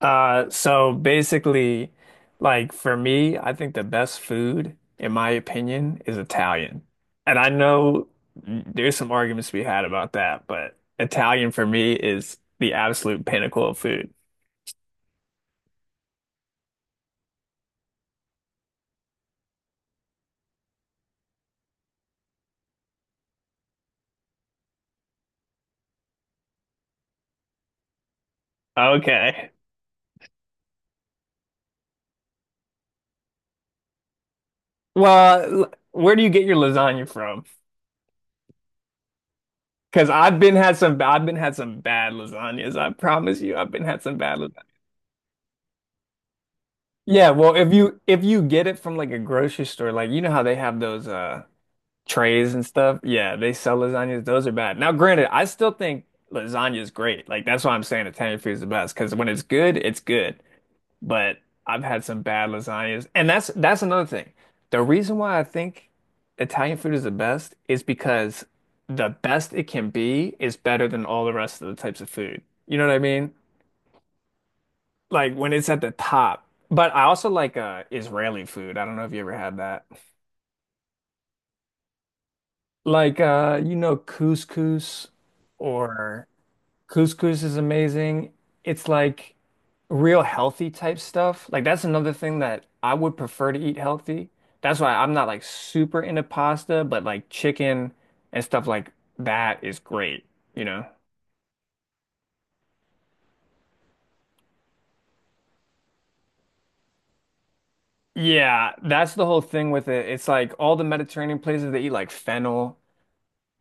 So basically, for me, I think the best food, in my opinion, is Italian. And I know there's some arguments to be had about that, but Italian for me is the absolute pinnacle of food. Okay. Well, where do you get your lasagna from? Because I've been had some bad lasagnas. I promise you, I've been had some bad lasagnas. Yeah, well, if you get it from like a grocery store, like you know how they have those trays and stuff. Yeah, they sell lasagnas. Those are bad. Now, granted, I still think lasagna is great. Like that's why I'm saying Italian food is the best because when it's good, it's good. But I've had some bad lasagnas, and that's another thing. The reason why I think Italian food is the best is because the best it can be is better than all the rest of the types of food. You know what I mean? Like when it's at the top. But I also like Israeli food. I don't know if you ever had that. Like you know, couscous or couscous is amazing. It's like real healthy type stuff. Like that's another thing that I would prefer to eat healthy. That's why I'm not like super into pasta, but like chicken and stuff like that is great, you know? Yeah, that's the whole thing with it. It's like all the Mediterranean places they eat like fennel,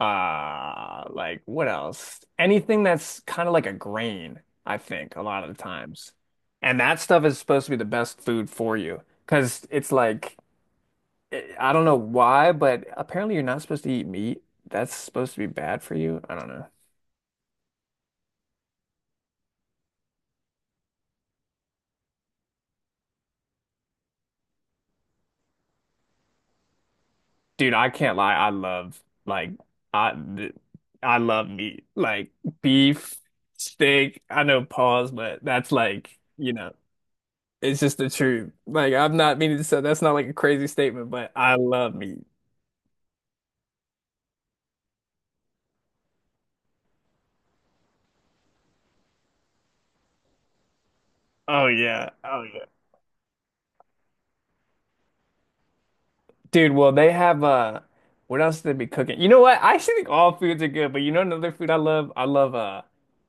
like what else? Anything that's kind of like a grain, I think, a lot of the times. And that stuff is supposed to be the best food for you because it's like I don't know why, but apparently you're not supposed to eat meat. That's supposed to be bad for you. I don't know. Dude, I can't lie. I th- I love meat. Like beef, steak. I know pause, but that's like, you know, it's just the truth. Like I'm not meaning to say that's not like a crazy statement, but I love meat. Oh yeah. Oh yeah. Dude, well, they have what else do they be cooking? You know what? I actually think all foods are good, but you know another food I love? I love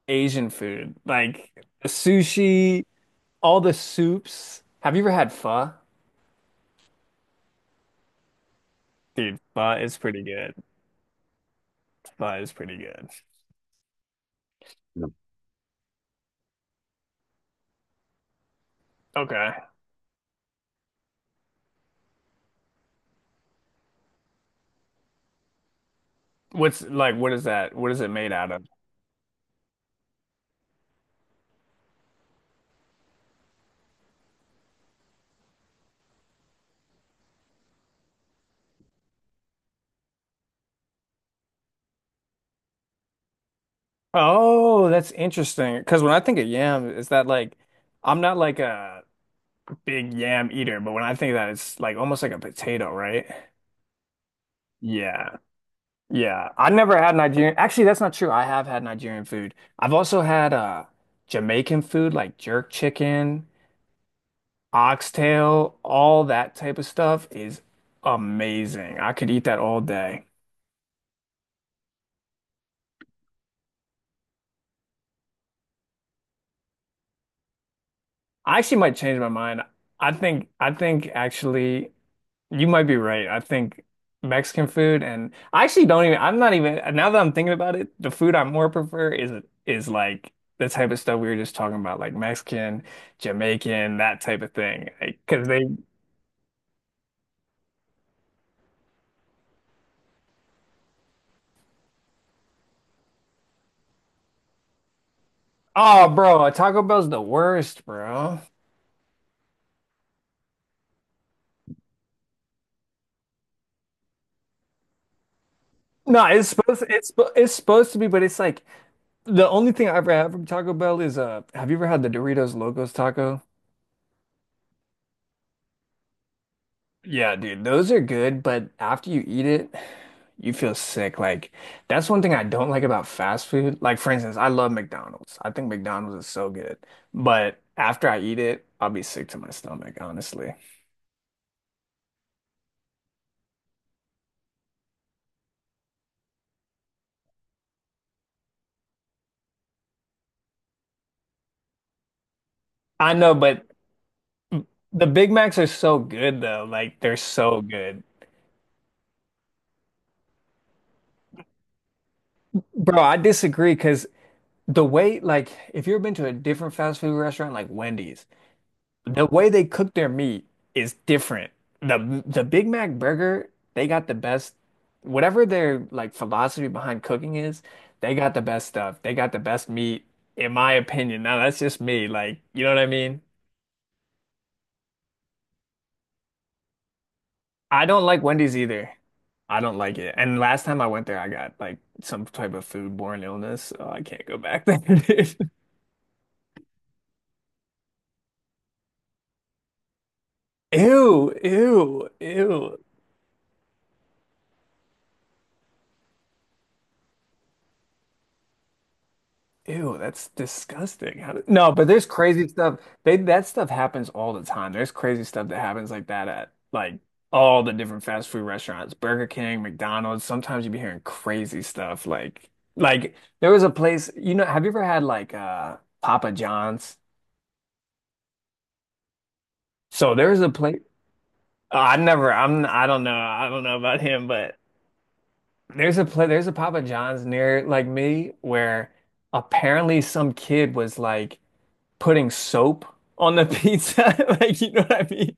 Asian food. Like sushi, all the soups. Have you ever had pho? Dude, pho is pretty good. Pho is pretty good. No. Okay. What is that? What is it made out of? Oh, that's interesting. Because when I think of yam, is that like I'm not like a big yam eater, but when I think of that it's like almost like a potato, right? Yeah. Yeah, I never had Nigerian. Actually, that's not true. I have had Nigerian food. I've also had Jamaican food like jerk chicken, oxtail, all that type of stuff is amazing. I could eat that all day. I actually might change my mind. I think actually You might be right. I think Mexican food and I actually don't even I'm not even now that I'm thinking about it, the food I more prefer is like the type of stuff we were just talking about, like Mexican, Jamaican, that type of thing. Like, cause they oh bro, Taco Bell's the worst, bro. No, it's supposed to be, but it's like the only thing I ever have from Taco Bell is have you ever had the Doritos Locos taco? Yeah, dude, those are good, but after you eat it, you feel sick. Like, that's one thing I don't like about fast food. Like, for instance, I love McDonald's. I think McDonald's is so good. But after I eat it, I'll be sick to my stomach, honestly. I know, but the Big Macs are so good, though. Like, they're so good. Bro, I disagree because the way, like, if you've been to a different fast food restaurant, like Wendy's, the way they cook their meat is different. The Big Mac burger, they got the best, whatever their like philosophy behind cooking is, they got the best stuff. They got the best meat, in my opinion. Now that's just me. Like, you know what I mean? I don't like Wendy's either. I don't like it. And last time I went there, I got like some type of foodborne illness, so I can't go back there. Dude. Ew, ew, ew. Ew, that's disgusting. How did... No, but there's crazy stuff. They that stuff happens all the time. There's crazy stuff that happens like that at like all the different fast food restaurants, Burger King, McDonald's. Sometimes you be hearing crazy stuff like there was a place, you know, have you ever had like Papa John's? So there's a place I don't know. I don't know about him, but there's a Papa John's near like me where apparently some kid was like putting soap on the pizza. Like, you know what I mean?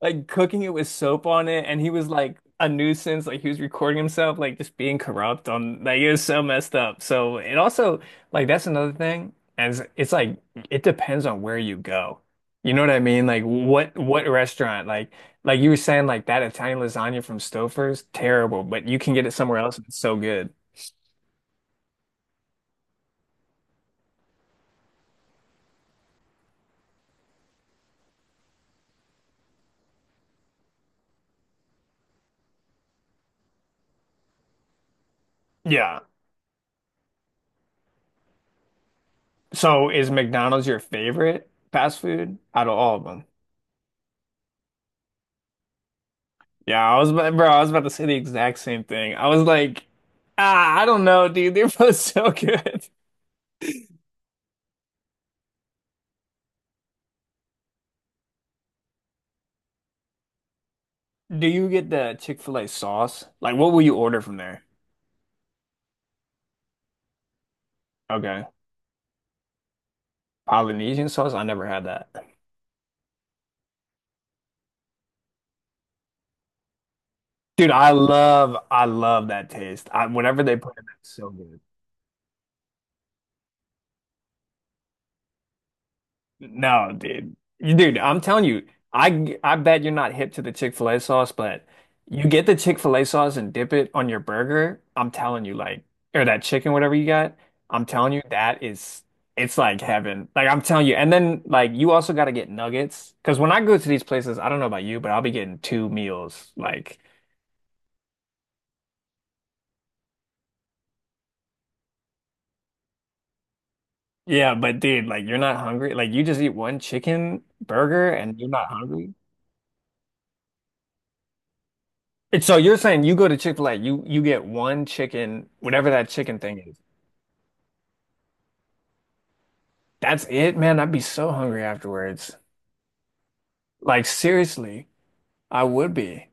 Like cooking it with soap on it. And he was like a nuisance. Like he was recording himself, like just being corrupt on like it was so messed up. So it also like that's another thing. As like it depends on where you go. You know what I mean? Like what restaurant? Like you were saying, like that Italian lasagna from Stouffer's, terrible, but you can get it somewhere else and it's so good. Yeah. So is McDonald's your favorite fast food out of all of them? Yeah, I was about to say the exact same thing. I was like, ah, I don't know, dude. They're both so good. Do you get the Chick-fil-A sauce? Like, what will you order from there? Okay. Polynesian sauce? I never had that. Dude, I love that taste. I, whatever they put in, that's so good. No, dude. Dude, I'm telling you, I bet you're not hip to the Chick-fil-A sauce, but you get the Chick-fil-A sauce and dip it on your burger. I'm telling you, like, or that chicken, whatever you got, I'm telling you, that is it's like heaven. Like I'm telling you. And then like you also gotta get nuggets. Cause when I go to these places, I don't know about you, but I'll be getting two meals. Like, yeah, but dude, like you're not hungry. Like you just eat one chicken burger and you're not hungry. And so you're saying you go to Chick-fil-A, you get one chicken, whatever that chicken thing is. That's it, man. I'd be so hungry afterwards. Like seriously, I would be.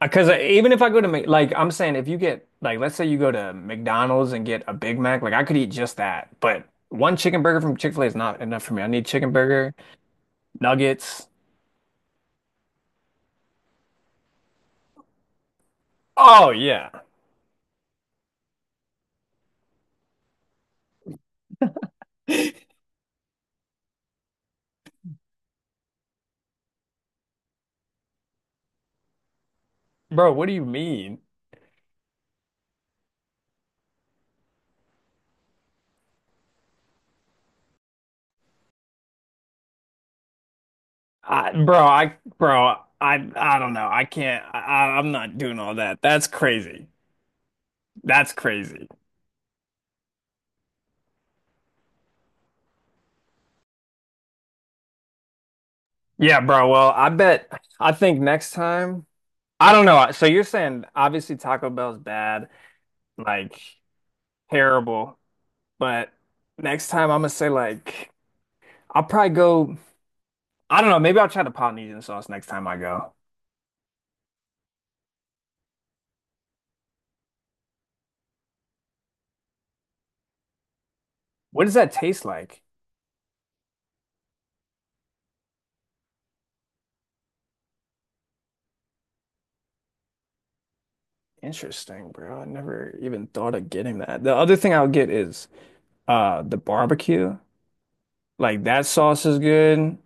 Because even if I go to Mc- like I'm saying, if you get like let's say you go to McDonald's and get a Big Mac, like I could eat just that. But one chicken burger from Chick-fil-A is not enough for me. I need chicken burger, nuggets. Oh yeah, bro. What do you mean? I don't know. I can't. I'm not doing all that. That's crazy. That's crazy. Yeah, bro. Well, I bet I think next time I don't know. So you're saying obviously Taco Bell's bad, like terrible, but next time I'm gonna say like I'll probably go I don't know, maybe I'll try the Polynesian sauce next time I go. What does that taste like? Interesting, bro. I never even thought of getting that. The other thing I'll get is the barbecue. Like that sauce is good.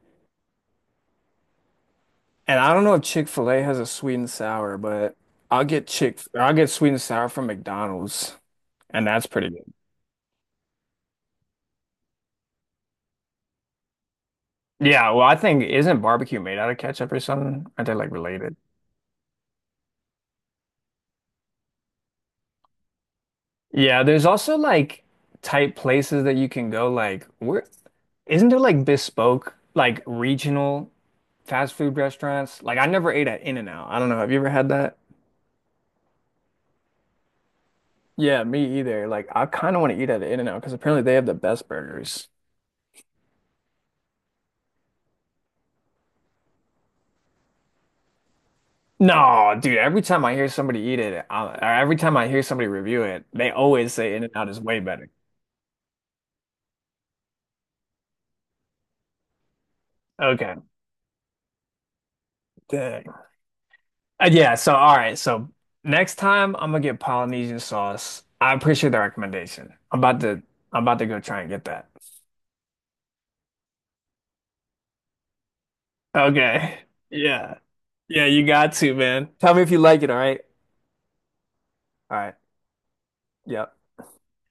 And I don't know if Chick-fil-A has a sweet and sour, but I'll get sweet and sour from McDonald's, and that's pretty good. Yeah, well, I think isn't barbecue made out of ketchup or something? Aren't they like related? Yeah, there's also like type places that you can go. Like, where isn't there like bespoke, like regional fast food restaurants? Like, I never ate at In-N-Out. I don't know. Have you ever had that? Yeah, me either. Like, I kind of want to eat at In-N-Out because apparently they have the best burgers. No, dude, every time I hear somebody eat it, I, or every time I hear somebody review it, they always say In-N-Out is way better. Okay. Dang. Yeah, so all right, so next time I'm gonna get Polynesian sauce. I appreciate the recommendation. I'm about to go try and get that. Okay. Yeah. Yeah, you got to, man. Tell me if you like it, all right? All right. Yep.